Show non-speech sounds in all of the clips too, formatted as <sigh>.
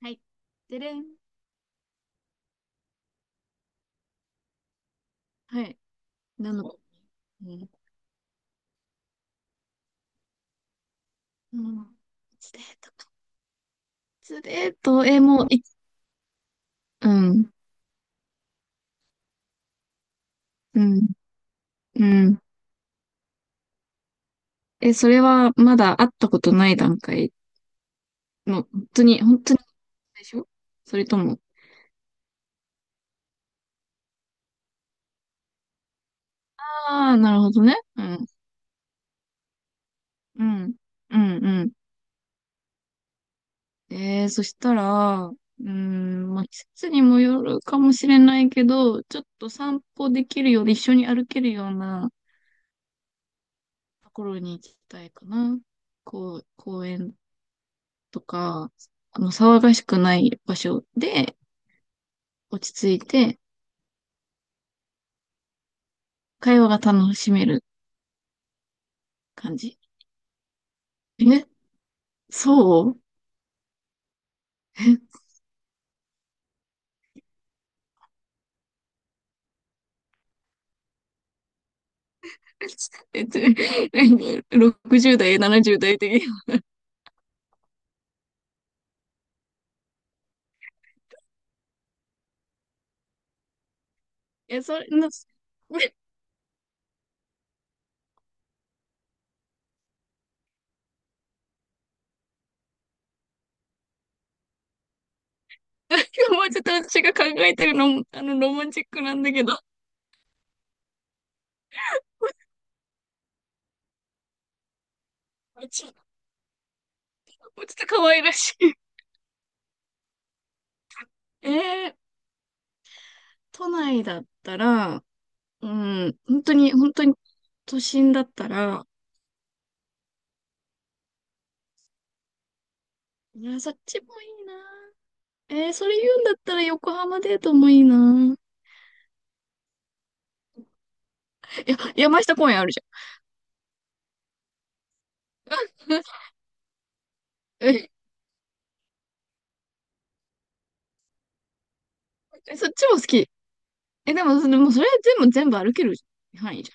はい。でれん。はい。なのこうん。うん。スレートか。スレート、え、もう、い、うん、うん、うん。それはまだ会ったことない段階の、本当に、本当に最初、それとも。ああ、なるほどね。うん、うん、うん、うん。そしたら、まあ、季節にもよるかもしれないけど、ちょっと散歩できるようで一緒に歩けるようなところに行きたいかな。こう、公園とか、騒がしくない場所で落ち着いて、会話が楽しめる感じ。え、そうえ、<laughs> 60代、70代的。いや、それの、もうちょっと私が考えてるの、ロマンチックなんだけど、もうちょっと可愛らしい。えー都内だったら、うん、本当に、本当に、都心だったら、紫もいいな。それ言うんだったら横浜デートもいいな。いや、山下公園あるじゃん。<laughs> そっちも好き。え、でも、それ、もうそれは全部歩ける範囲じ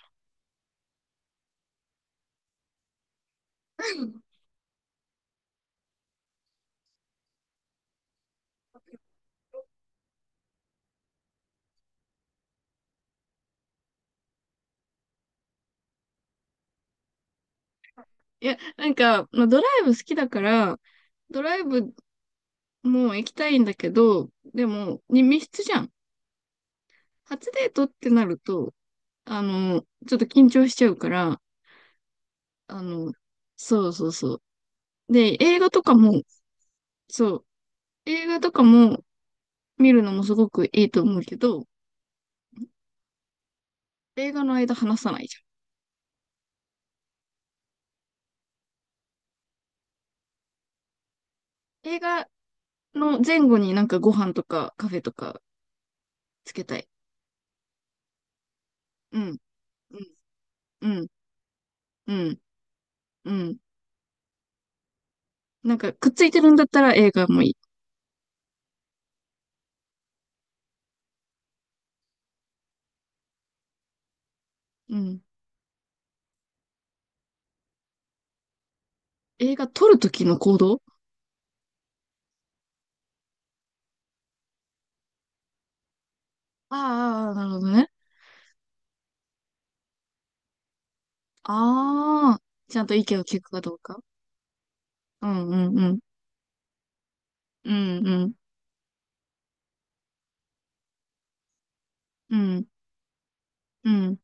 ゃん。いや、なんか、まあ、ドライブ好きだから、ドライブも行きたいんだけど、でも、密室じゃん。初デートってなると、あの、ちょっと緊張しちゃうから、あの、そうそうそう。で、映画とかも、そう、映画とかも見るのもすごくいいと思うけど、映画の間話さないじゃん。映画の前後になんかご飯とかカフェとかつけたい。うん、うん、うん、うん、うん。なんかくっついてるんだったら映画もいい。うん。映画撮るときの行動。ああー、なるほどね。ああ、ちゃんと意見を聞くかどうか。うん、うん、うん。うん、うん、うん、うん、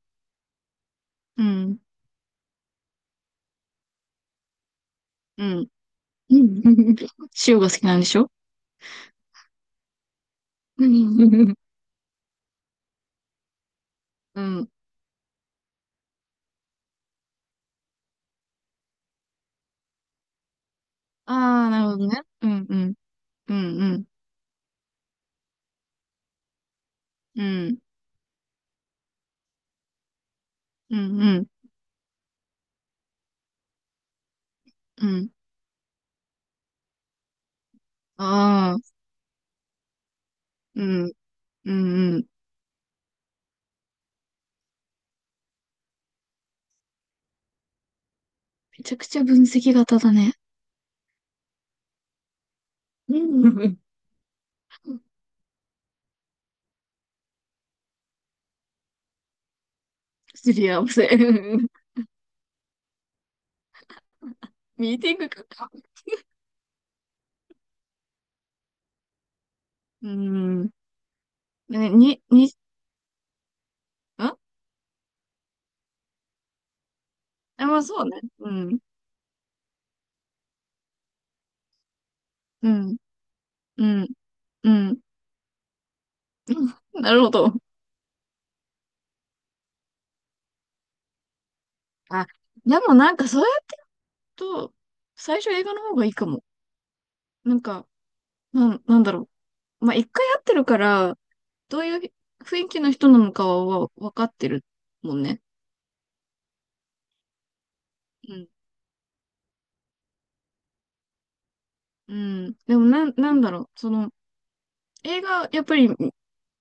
うん、うん。うん、 <laughs> 塩が好きなんでしょ。うん。うん。ああ、なるほどね。うん、うん、うん、うん、うん、うん、うん、うん。ああ、うん、うん、うん。めちゃくちゃ分析型だね。うん。<laughs> すり合わせ。<laughs> ミーティングか。うん。ね、に、に、んあ、まあそうね。うん。うん。うん。うん。うん、なるほど。あ、でもなんかそうやると、最初映画の方がいいかも。なんか、なんだろう。まあ一回会ってるから、どういう雰囲気の人なのかは分かってるもんね。うん。うん。でもなんだろう。その、映画、やっぱり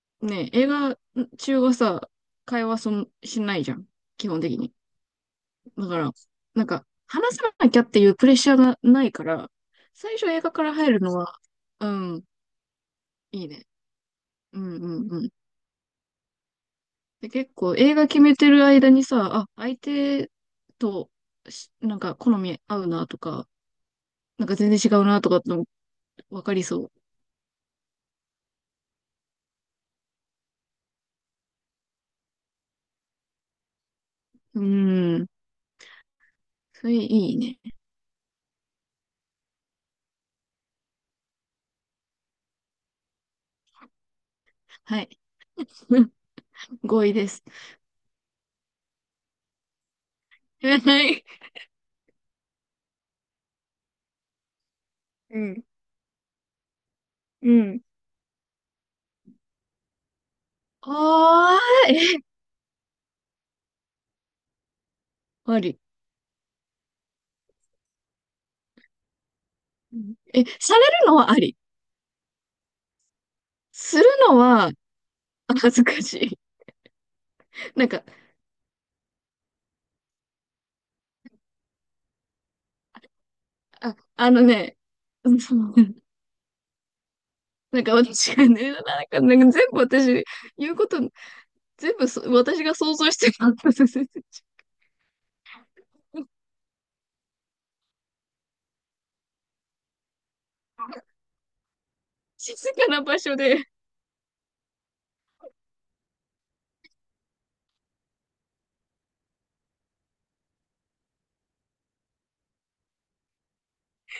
ねえ、映画中はさ、会話そんしないじゃん。基本的に。だから、なんか、話さなきゃっていうプレッシャーがないから、最初映画から入るのは、うん、いいね。うんうんうん。で、結構映画決めてる間にさ、あ、相手とし、なんか好み合うなとか、なんか全然違うなとかっての分かりそう。うん。それいいね。はい。<laughs> 合意です。<laughs> はい。うん。うん。あ、いえ、あり。うん。え、されるのはあり。するのは恥ずかしい。<laughs> なんか、あ、あのね、<laughs> うん、そう。なんか私がね、なんか、なんか全部私、言うこと、全部私が想像してた。<laughs> 静かな場所で、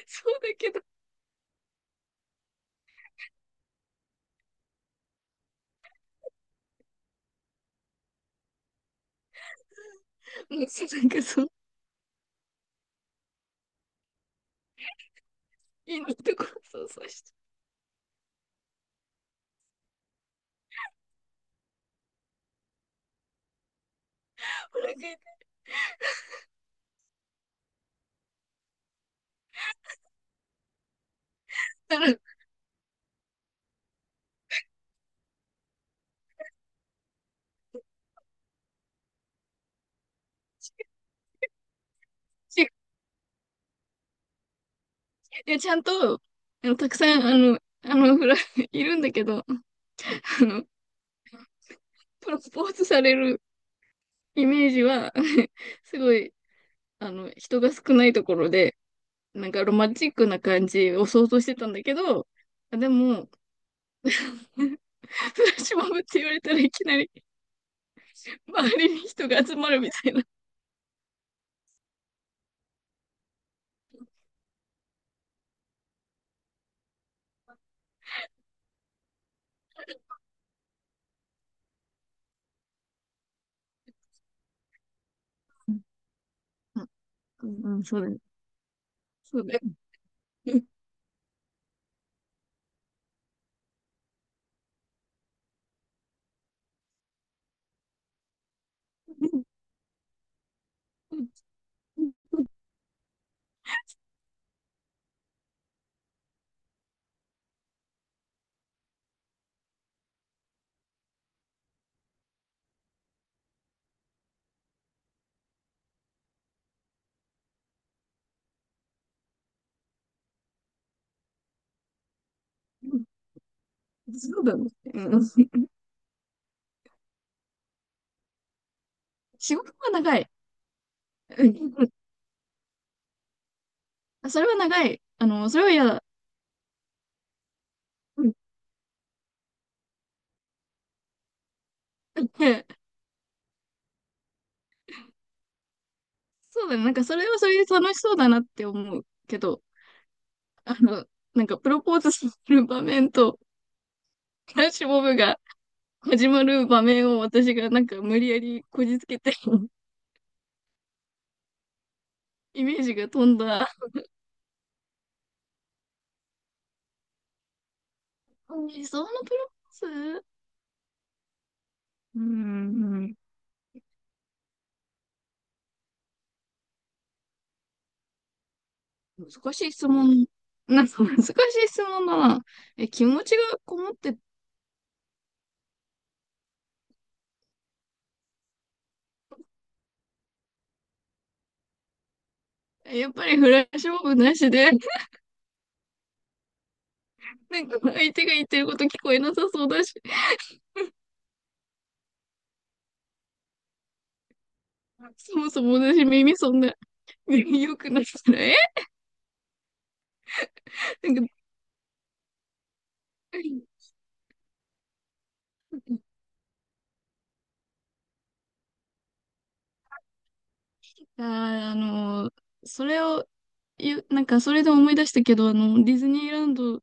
そうだけど、うん、そう。なんかその、いいところ想像して、お腹痛い。たら、ち、いや、ちゃんと、たくさん、いるんだけど、あの、プロポーズされるイメージは、<laughs> すごい、人が少ないところで、なんかロマンチックな感じを想像してたんだけど、あ、でも、<laughs> フラッシュモブって言われたらいきなり周りに人が集まるみたいな。うん、うん、そうだね。そうだね。<laughs> そうだね。うん。仕事は長い。うん、それは長い。それは嫌だ。うん、そうだね。なんかそれはそれで楽しそうだなって思うけど、あの、なんかプロポーズする場面と、フラッシュモブが始まる場面を私がなんか無理やりこじつけて、 <laughs> イメージが飛んだ。理想のプロポーズ、うーん、難しい質問。なんか難しい質問だな。気持ちがこもって、やっぱりフラッシュモブなしで、なんか相手が言ってること聞こえなさそうだし、そもそも私耳そんな、<laughs> 良くなったら、え、なんか、あー、あのそれを言う、なんかそれで思い出したけど、ディズニーランド、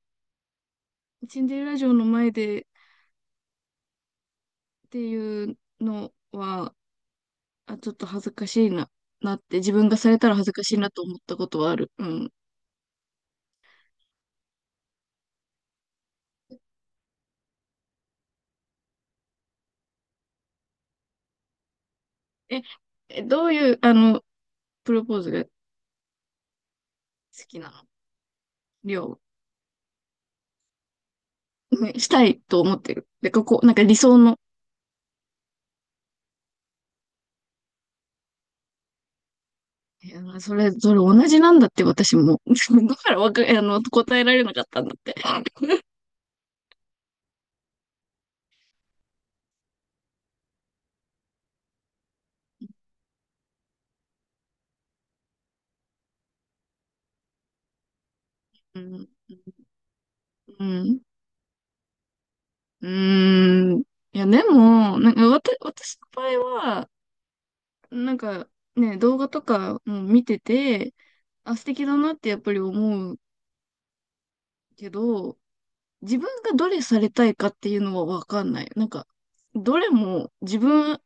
シンデレラ城の前でっていうのは、あ、ちょっと恥ずかしいな、なって、自分がされたら恥ずかしいなと思ったことはある。うん。え、どういう、プロポーズが好きなの。りょう、ねしたいと思ってる。で、ここ、なんか理想の。いや、それ、それ同じなんだって、私も。<laughs> だからわか、答えられなかったんだって。<laughs> うん。うん。うん。いや、でも、なんか、私の場合は、なんかね、動画とかも見てて、あ、素敵だなってやっぱり思うけど、自分がどれされたいかっていうのはわかんない。なんか、どれも自分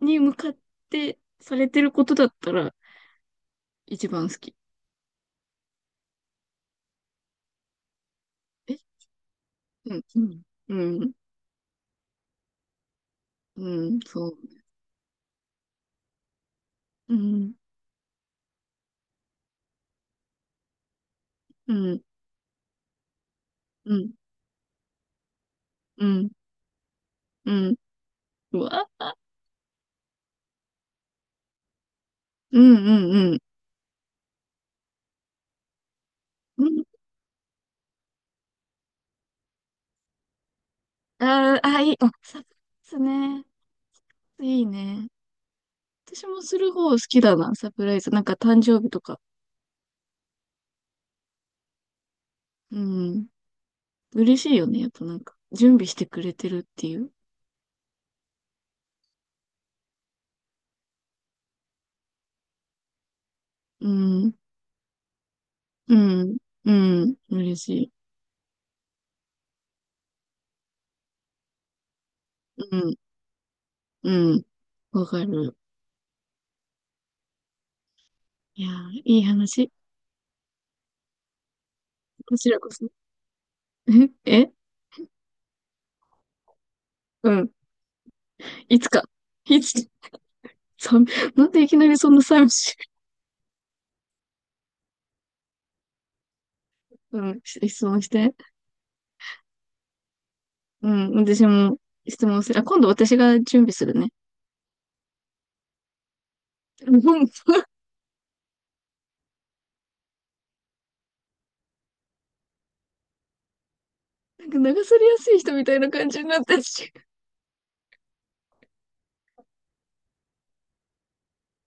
に向かってされてることだったら一番好き。え、うん、うん、うん、うん、そう。うん、うん、うん、うん、うん、うわあ、うん、うん、うん。うん、あー、あ、いい、あ、サプライズね。いいね。私もする方好きだな、サプライズ。なんか誕生日とか。うん。嬉しいよね。やっぱなんか、準備してくれてるっていう。うん。うん。うん。嬉しい。うん。うん。わかる。いやー、いい話。こちらこそ。<laughs> え、え、うん。いつか。いつか。さん、なんでいきなりそんな寂しい。うん。し、質問して。うん。私も質問する。あ、今度私が準備するね。<laughs> もう、なんか流されやすい人みたいな感じになってる。